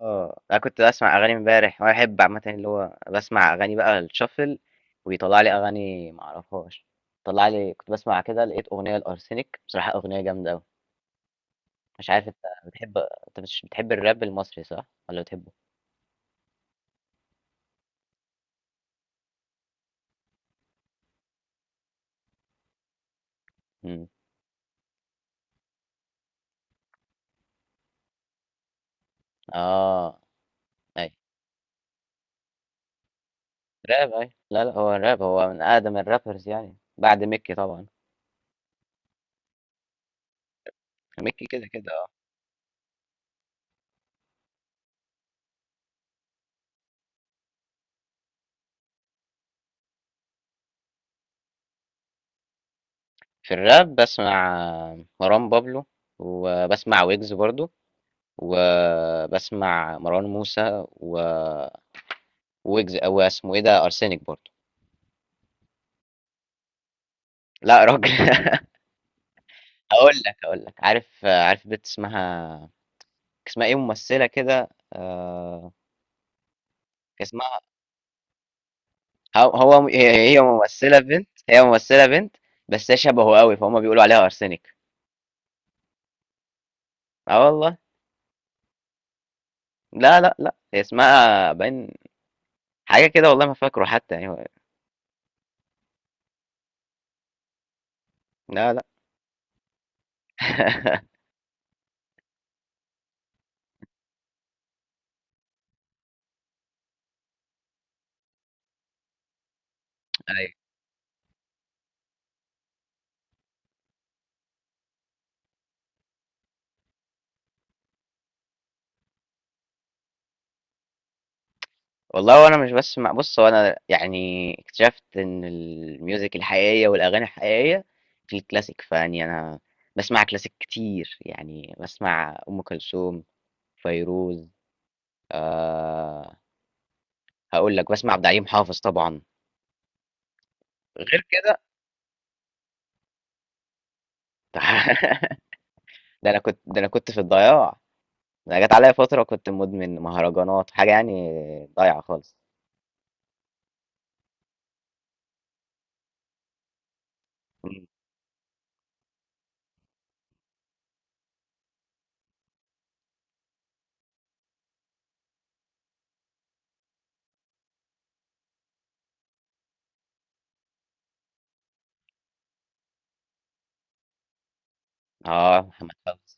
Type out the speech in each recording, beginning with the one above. آه، أنا كنت باسمع أغاني امبارح، وأنا باحب عامةً اللي هو باسمع أغاني بقى الshuffle ويطلّع لي أغاني ما أعرفهاش، طلّع لي كنت باسمع كده، لقيت أغنية لأرسنِك، بصراحة أغنية جامدة أوي. مش عارف، أنت مش بتحب الراب المصري صح والّا بتحبه؟ إمم. آه. أيوه. راب، أيوه. لا، لا، هو الراب هو من أقدم الrappers يعني بعد ميكي طبعًا. ميكي كده، كده. في الراب باسمع مروان بابلو وباسمع ويجز برضه. وبسمع مروان موسى و ويجز، أو اسمه إيه ده، أرسنك برضه. لا يا راجل. هقول لك، عارف بنت اسمها إيه، ممثلة كده. اسمها، هي هي ممثلة بنت. بس هي شبهه قوي، فهم بيقولوا عليها أرسنك. اه والله. لا، لا، لا، هي اسمها باين حاجة كده، والله ما فاكره حتى يعني. لا، لا. ايوه والله. وانا مش بس مع بص، وانا يعني اكتشفت ان الميوزك الحقيقيه والاغاني الحقيقيه في الكلاسيك، فاني انا بسمع كلاسيك كتير، يعني بسمع ام كلثوم، فيروز، آه هقول لك بسمع عبد الحليم حافظ طبعا. غير كده. ده انا كنت في الضياع. ده انا جت عليا فتره كنت مدمن مهرجانات حاجه يعني، ضايعه خالص. مم. اه محمد فوزي.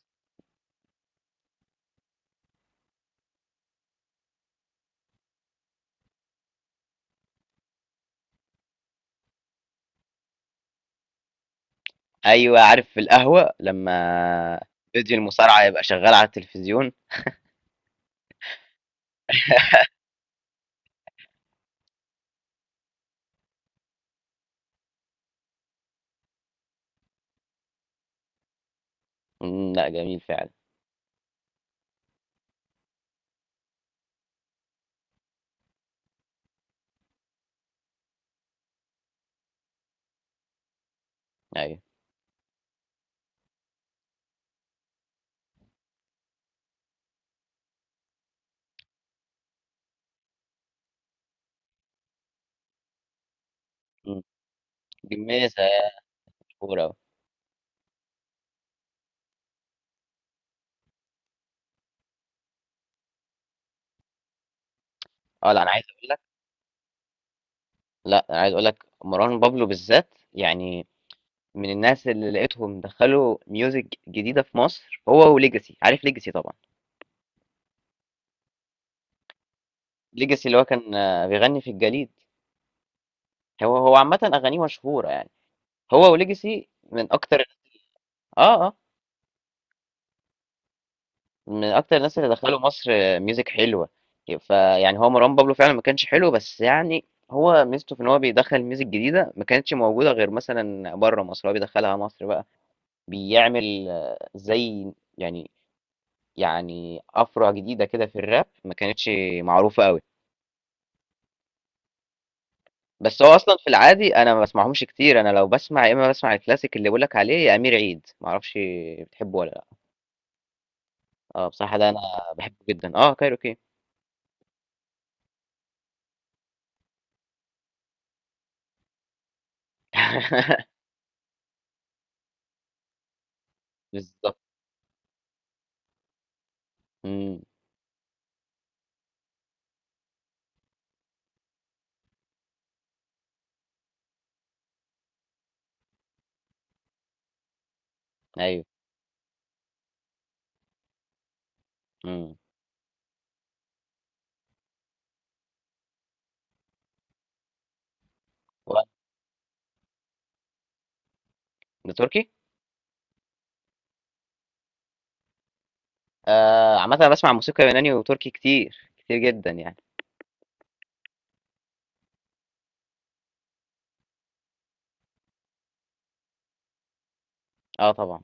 ايوه عارف، في القهوه لما فيديو المصارعه يبقى شغال على التلفزيون. لأ جميل فعلًا. أيوه. إمم، جمّيزة هي الكورة. آه، لأ أنا عايز أقول لك لأ أنا عايز أقول لك مروان بابلو بالذات، يعني من الناس اللي لقيتهم دخّلوا music جديدة في مصر، هو وlegacy، عارف legacy طبعًا؟ legacy اللي هو كان بيغني في الجليد. هو عامةً أغانيه مشهورة يعني، هو وlegacy من أكتر آه، آه. من اكتر الناس اللي دخلوا مصر ميوزك حلوه. فيعني هو مروان بابلو فعلا ما كانش حلو، بس يعني هو ميزته في ان هو بيدخل ميوزك جديده ما كانتش موجوده غير مثلا بره مصر، هو بيدخلها مصر بقى، بيعمل زي، يعني يعني افرع جديده كده في الراب ما كانتش معروفه قوي. بس هو اصلا في العادي انا ما بسمعهمش كتير، انا لو بسمع يا اما بسمع الكلاسيك اللي بقولك عليه، يا امير عيد ما اعرفش بتحبه ولا لا. اه بصراحه ده انا بحبه جدا، اه كايروكي. بالظبط. امم. ايوه. امم. ده تركي. آه، عامة انا بسمع موسيقى يوناني وتركي كتير كتير جدا يعني. اه طبعا.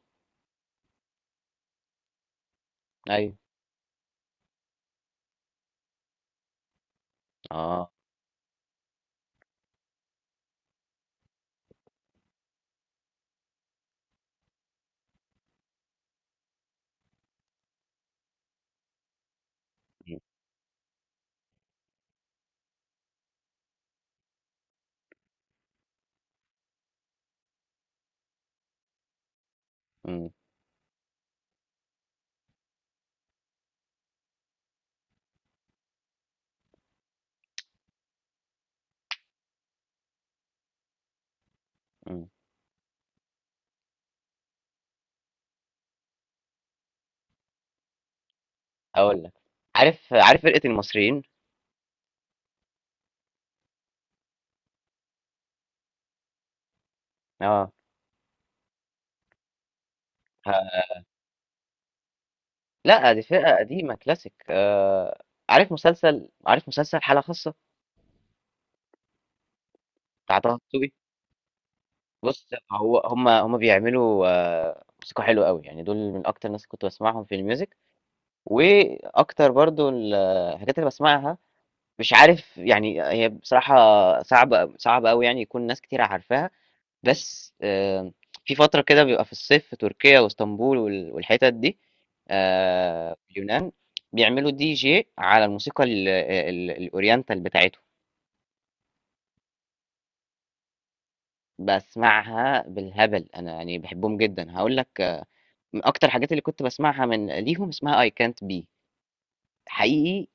ايوه. اه. امم. امم. اقول لك، عارف فرقة المصريين. اه. ه- لا، دي فرقة قديمة كلاسيك. عارف مسلسل حالة خاصة بتاع طه دسوقي. بص، هو هم بيعملوا موسيقى حلوة قوي يعني، دول من اكتر الناس اللي كنت بسمعهم في الميوزك. واكتر برضو الحاجات اللي بسمعها، مش عارف يعني هي بصراحة صعبة صعبة أوي يعني، يكون ناس كتير عارفاها. بس في فترة كده بيبقى في الصيف في تركيا واسطنبول والحتت دي، في اليونان، بيعملوا دي جي على الموسيقى الأورينتال بتاعتهم. بسمعها بالهبل أنا يعني، بحبهم جدا. هقول لك، من أكتر الحاجات اللي كنت بسمعها من ليهم اسمها I can't be حقيقي،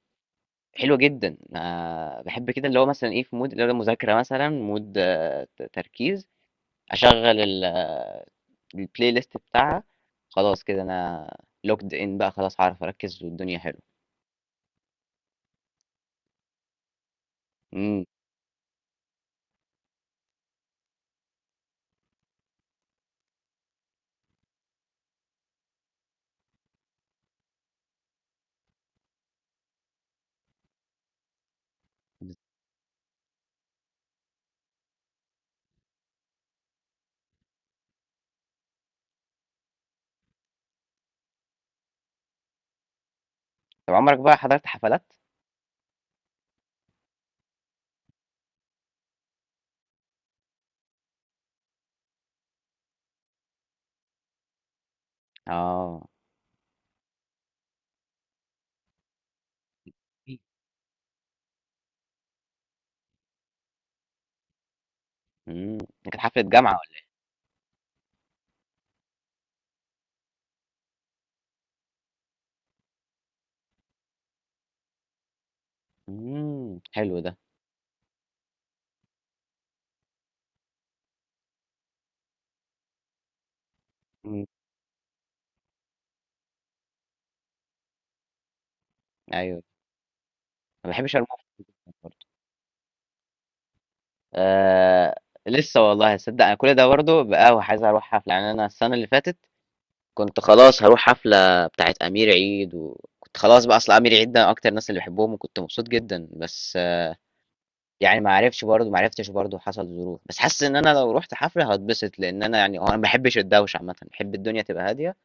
حلوة جدا. بحب كده اللي هو مثلا إيه في مود اللي هو مذاكرة مثلا، مود، تركيز، اشغل البلاي ليست بتاعها، خلاص كده انا لوكد ان بقى، خلاص هعرف اركز والدنيا حلوه. امم. طب عمرك بقى حضرت حفلات؟ اه. امم. كانت حفله جامعه ولا؟ حلو ده. امم. ايوه. ما بحبش المفرط. برضه. آه. لسه والله صدق، انا كل ده برضه بقى، وعايز اروح حفله يعني. انا السنه اللي فاتت كنت خلاص هروح حفله بتاعت امير عيد، وكنت خلاص بقى، اصل امير عيد ده اكتر الناس اللي بحبهم، وكنت مبسوط جدا، بس يعني ما عرفتش برضه، حصل ظروف. بس حاسس ان انا لو رحت حفله هتبسط، لان انا يعني هو انا ما بحبش الدوشه عامه، بحب الدنيا تبقى هاديه،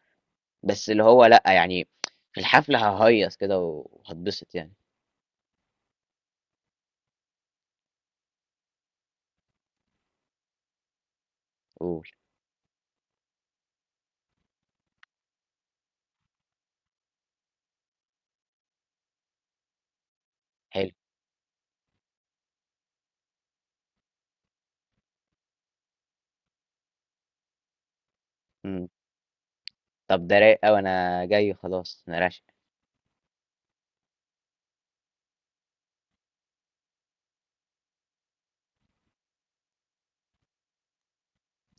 بس اللي هو لا يعني في الحفله ههيص كده وهتبسط يعني. قول. حلو. مم. طب ده رايق قوي، انا جاي خلاص، انا راشق.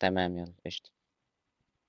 تمام يلا قشطة.